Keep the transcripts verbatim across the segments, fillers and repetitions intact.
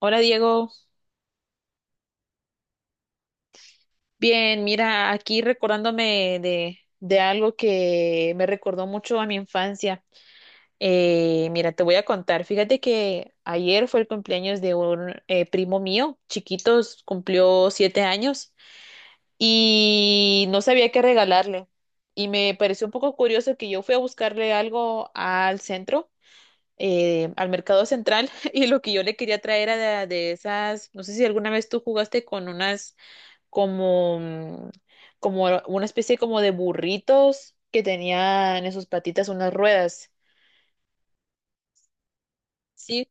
Hola, Diego. Bien, mira, aquí recordándome de, de algo que me recordó mucho a mi infancia. Eh, mira, te voy a contar, fíjate que ayer fue el cumpleaños de un eh, primo mío, chiquitos, cumplió siete años y no sabía qué regalarle. Y me pareció un poco curioso que yo fui a buscarle algo al centro, eh, al mercado central, y lo que yo le quería traer era de de esas, no sé si alguna vez tú jugaste con unas como, mm, como una especie como de burritos que tenían en sus patitas unas ruedas. Sí,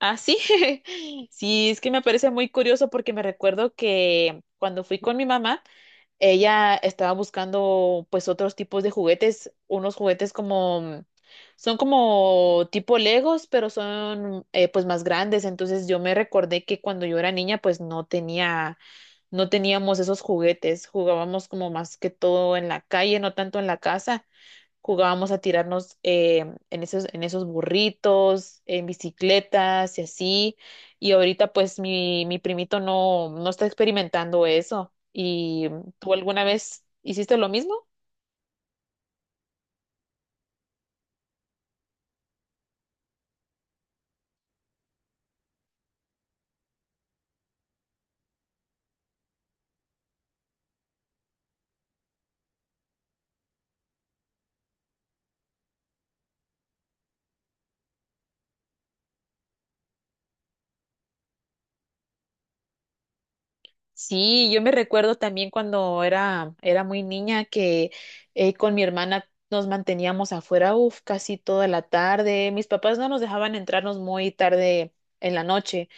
ah, sí. Sí, es que me parece muy curioso porque me recuerdo que cuando fui con mi mamá, ella estaba buscando pues otros tipos de juguetes, unos juguetes como... mm, son como tipo Legos, pero son eh, pues más grandes. Entonces yo me recordé que cuando yo era niña pues no tenía no teníamos esos juguetes, jugábamos como más que todo en la calle, no tanto en la casa. Jugábamos a tirarnos eh, en esos, en esos burritos, en bicicletas y así. Y ahorita pues mi, mi primito no, no está experimentando eso. ¿Y tú alguna vez hiciste lo mismo? Sí, yo me recuerdo también cuando era, era muy niña que eh, con mi hermana nos manteníamos afuera, uf, casi toda la tarde. Mis papás no nos dejaban entrarnos muy tarde en la noche,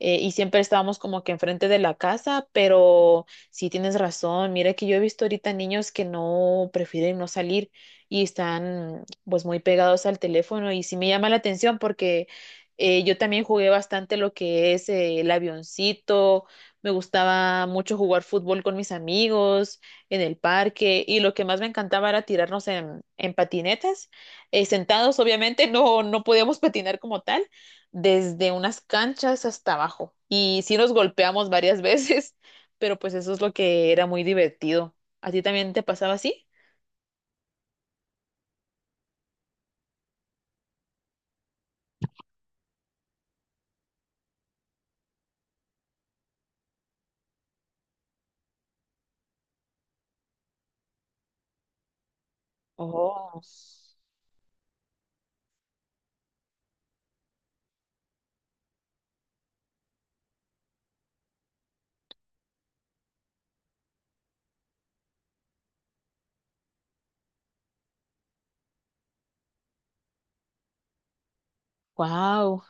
eh, y siempre estábamos como que enfrente de la casa, pero sí tienes razón. Mira que yo he visto ahorita niños que no prefieren no salir y están pues muy pegados al teléfono y sí me llama la atención porque eh, yo también jugué bastante lo que es eh, el avioncito. Me gustaba mucho jugar fútbol con mis amigos en el parque y lo que más me encantaba era tirarnos en, en patinetas, eh, sentados, obviamente, no, no podíamos patinar como tal, desde unas canchas hasta abajo. Y sí nos golpeamos varias veces, pero pues eso es lo que era muy divertido. ¿A ti también te pasaba así? Oh, wow.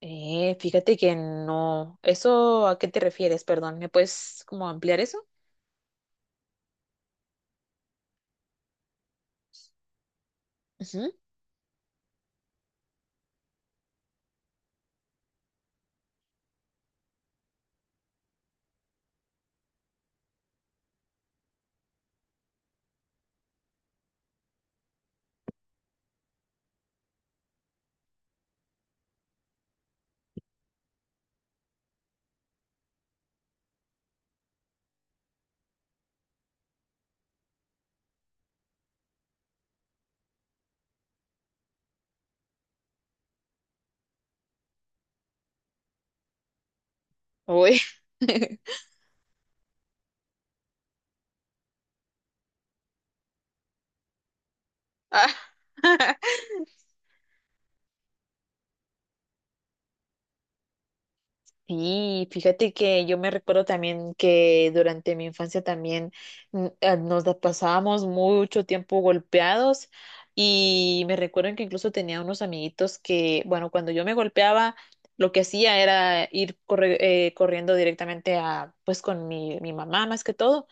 Eh, fíjate que no. ¿Eso a qué te refieres? Perdón, ¿me puedes como ampliar eso? Ujú. Uy. Ah, sí, fíjate que yo me recuerdo también que durante mi infancia también, mm, eh, nos la pasábamos mucho tiempo golpeados y me recuerdo que incluso tenía unos amiguitos que, bueno, cuando yo me golpeaba, lo que hacía era ir corre- eh, corriendo directamente a, pues con mi, mi mamá más que todo,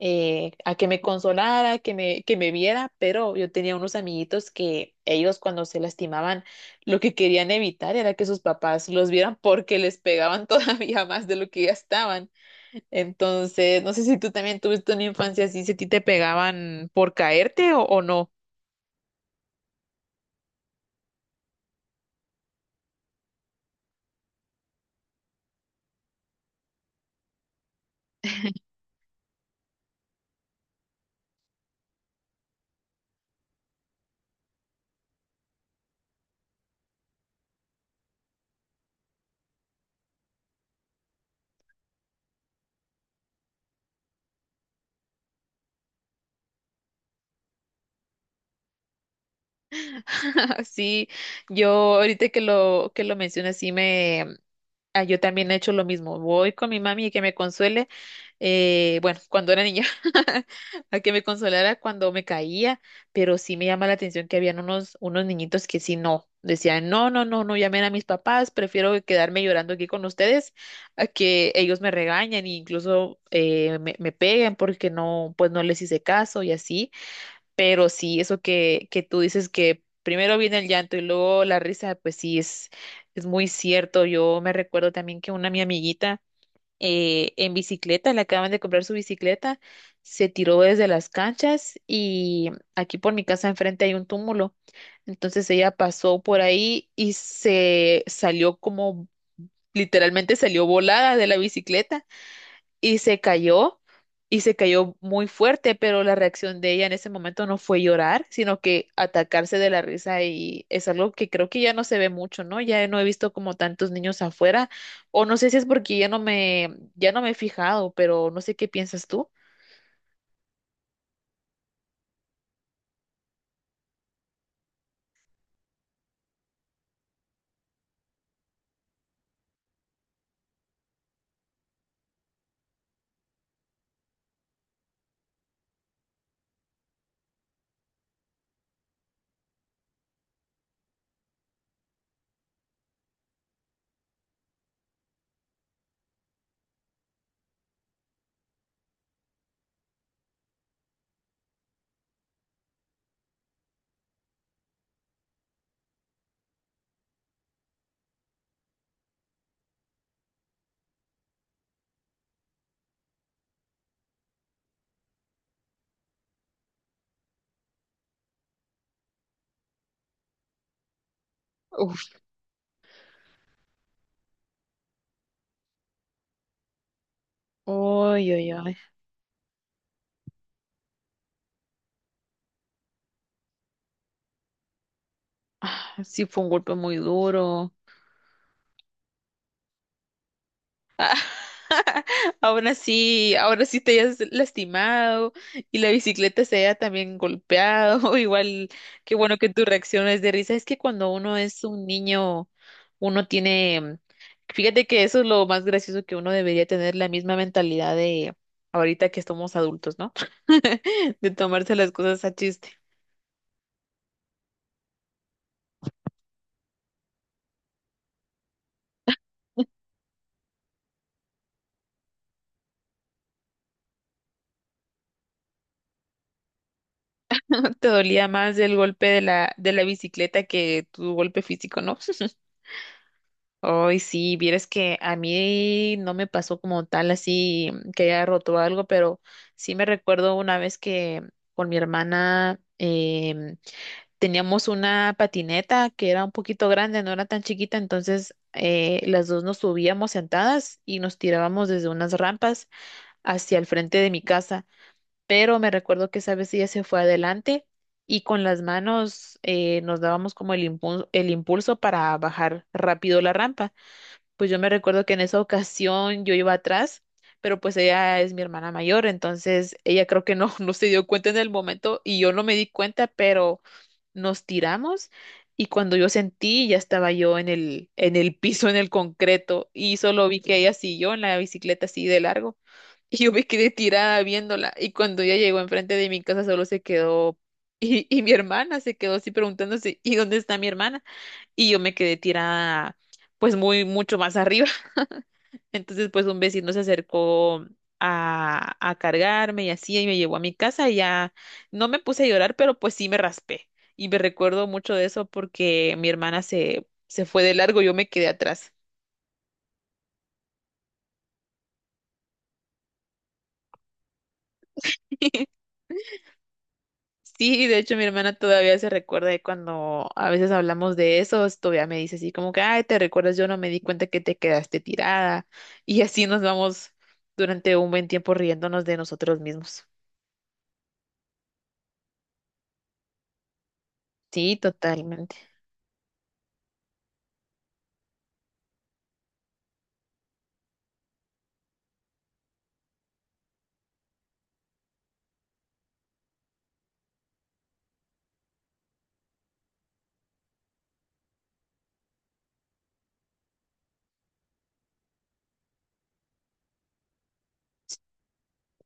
eh, a que me consolara, que me, que me viera, pero yo tenía unos amiguitos que ellos cuando se lastimaban, lo que querían evitar era que sus papás los vieran porque les pegaban todavía más de lo que ya estaban. Entonces, no sé si tú también tuviste una infancia así, si a ti te pegaban por caerte o, o no. Sí, yo ahorita que lo, que lo mencionas, sí me, ah, yo también he hecho lo mismo. Voy con mi mami y que me consuele. Eh, bueno, cuando era niña, a que me consolara cuando me caía, pero sí me llama la atención que habían unos, unos niñitos que sí no. Decían, no, no, no, no llamen a mis papás, prefiero quedarme llorando aquí con ustedes a que ellos me regañen e incluso, eh, me, me peguen porque no, pues no les hice caso y así. Pero sí, eso que, que tú dices que primero viene el llanto y luego la risa, pues sí, es, es muy cierto. Yo me recuerdo también que una mi amiguita, eh, en bicicleta, le acaban de comprar su bicicleta, se tiró desde las canchas y aquí por mi casa enfrente hay un túmulo. Entonces ella pasó por ahí y se salió como, literalmente salió volada de la bicicleta y se cayó, y se cayó muy fuerte, pero la reacción de ella en ese momento no fue llorar, sino que atacarse de la risa y es algo que creo que ya no se ve mucho, ¿no? Ya no he visto como tantos niños afuera o no sé si es porque ya no me ya no me he fijado, pero no sé qué piensas tú. Uf, ay, ay, ay. Sí, fue un golpe muy duro. Aún así, ahora sí te hayas lastimado y la bicicleta se haya también golpeado. Igual, qué bueno que tu reacción es de risa. Es que cuando uno es un niño, uno tiene, fíjate que eso es lo más gracioso que uno debería tener, la misma mentalidad de ahorita que somos adultos, ¿no? De tomarse las cosas a chiste. Te dolía más el golpe de la, de la bicicleta que tu golpe físico, ¿no? Hoy sí, vieras que a mí no me pasó como tal así que haya roto algo, pero sí me recuerdo una vez que con mi hermana, em, teníamos una patineta que era un poquito grande, no era tan chiquita, entonces eh, las dos nos subíamos sentadas y nos tirábamos desde unas rampas hacia el frente de mi casa, pero me recuerdo que esa vez ella se fue adelante y con las manos, eh, nos dábamos como el impulso, el impulso para bajar rápido la rampa. Pues yo me recuerdo que en esa ocasión yo iba atrás, pero pues ella es mi hermana mayor, entonces ella creo que no, no se dio cuenta en el momento y yo no me di cuenta, pero nos tiramos y cuando yo sentí ya estaba yo en el, en el piso, en el concreto y solo vi que ella siguió en la bicicleta así de largo y yo me quedé tirada viéndola y cuando ella llegó enfrente de mi casa solo se quedó y, y mi hermana se quedó así preguntándose, ¿y dónde está mi hermana? Y yo me quedé tirada pues muy mucho más arriba. Entonces pues un vecino se acercó a, a cargarme y así y me llevó a mi casa y ya no me puse a llorar, pero pues sí me raspé. Y me recuerdo mucho de eso porque mi hermana se, se fue de largo, yo me quedé atrás. Sí, de hecho mi hermana todavía se recuerda de cuando a veces hablamos de eso, todavía me dice así como que, ay, ¿te recuerdas? Yo no me di cuenta que te quedaste tirada. Y así nos vamos durante un buen tiempo riéndonos de nosotros mismos. Sí, totalmente.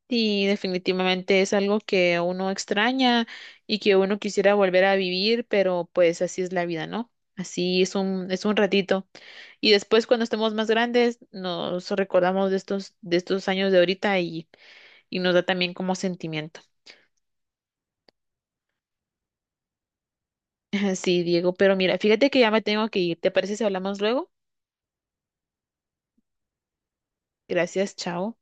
Sí, definitivamente es algo que uno extraña y que uno quisiera volver a vivir, pero pues así es la vida, ¿no? Así es un, es un ratito. Y después cuando estemos más grandes, nos recordamos de estos, de estos años de ahorita y y nos da también como sentimiento. Sí, Diego, pero mira, fíjate que ya me tengo que ir. ¿Te parece si hablamos luego? Gracias, chao.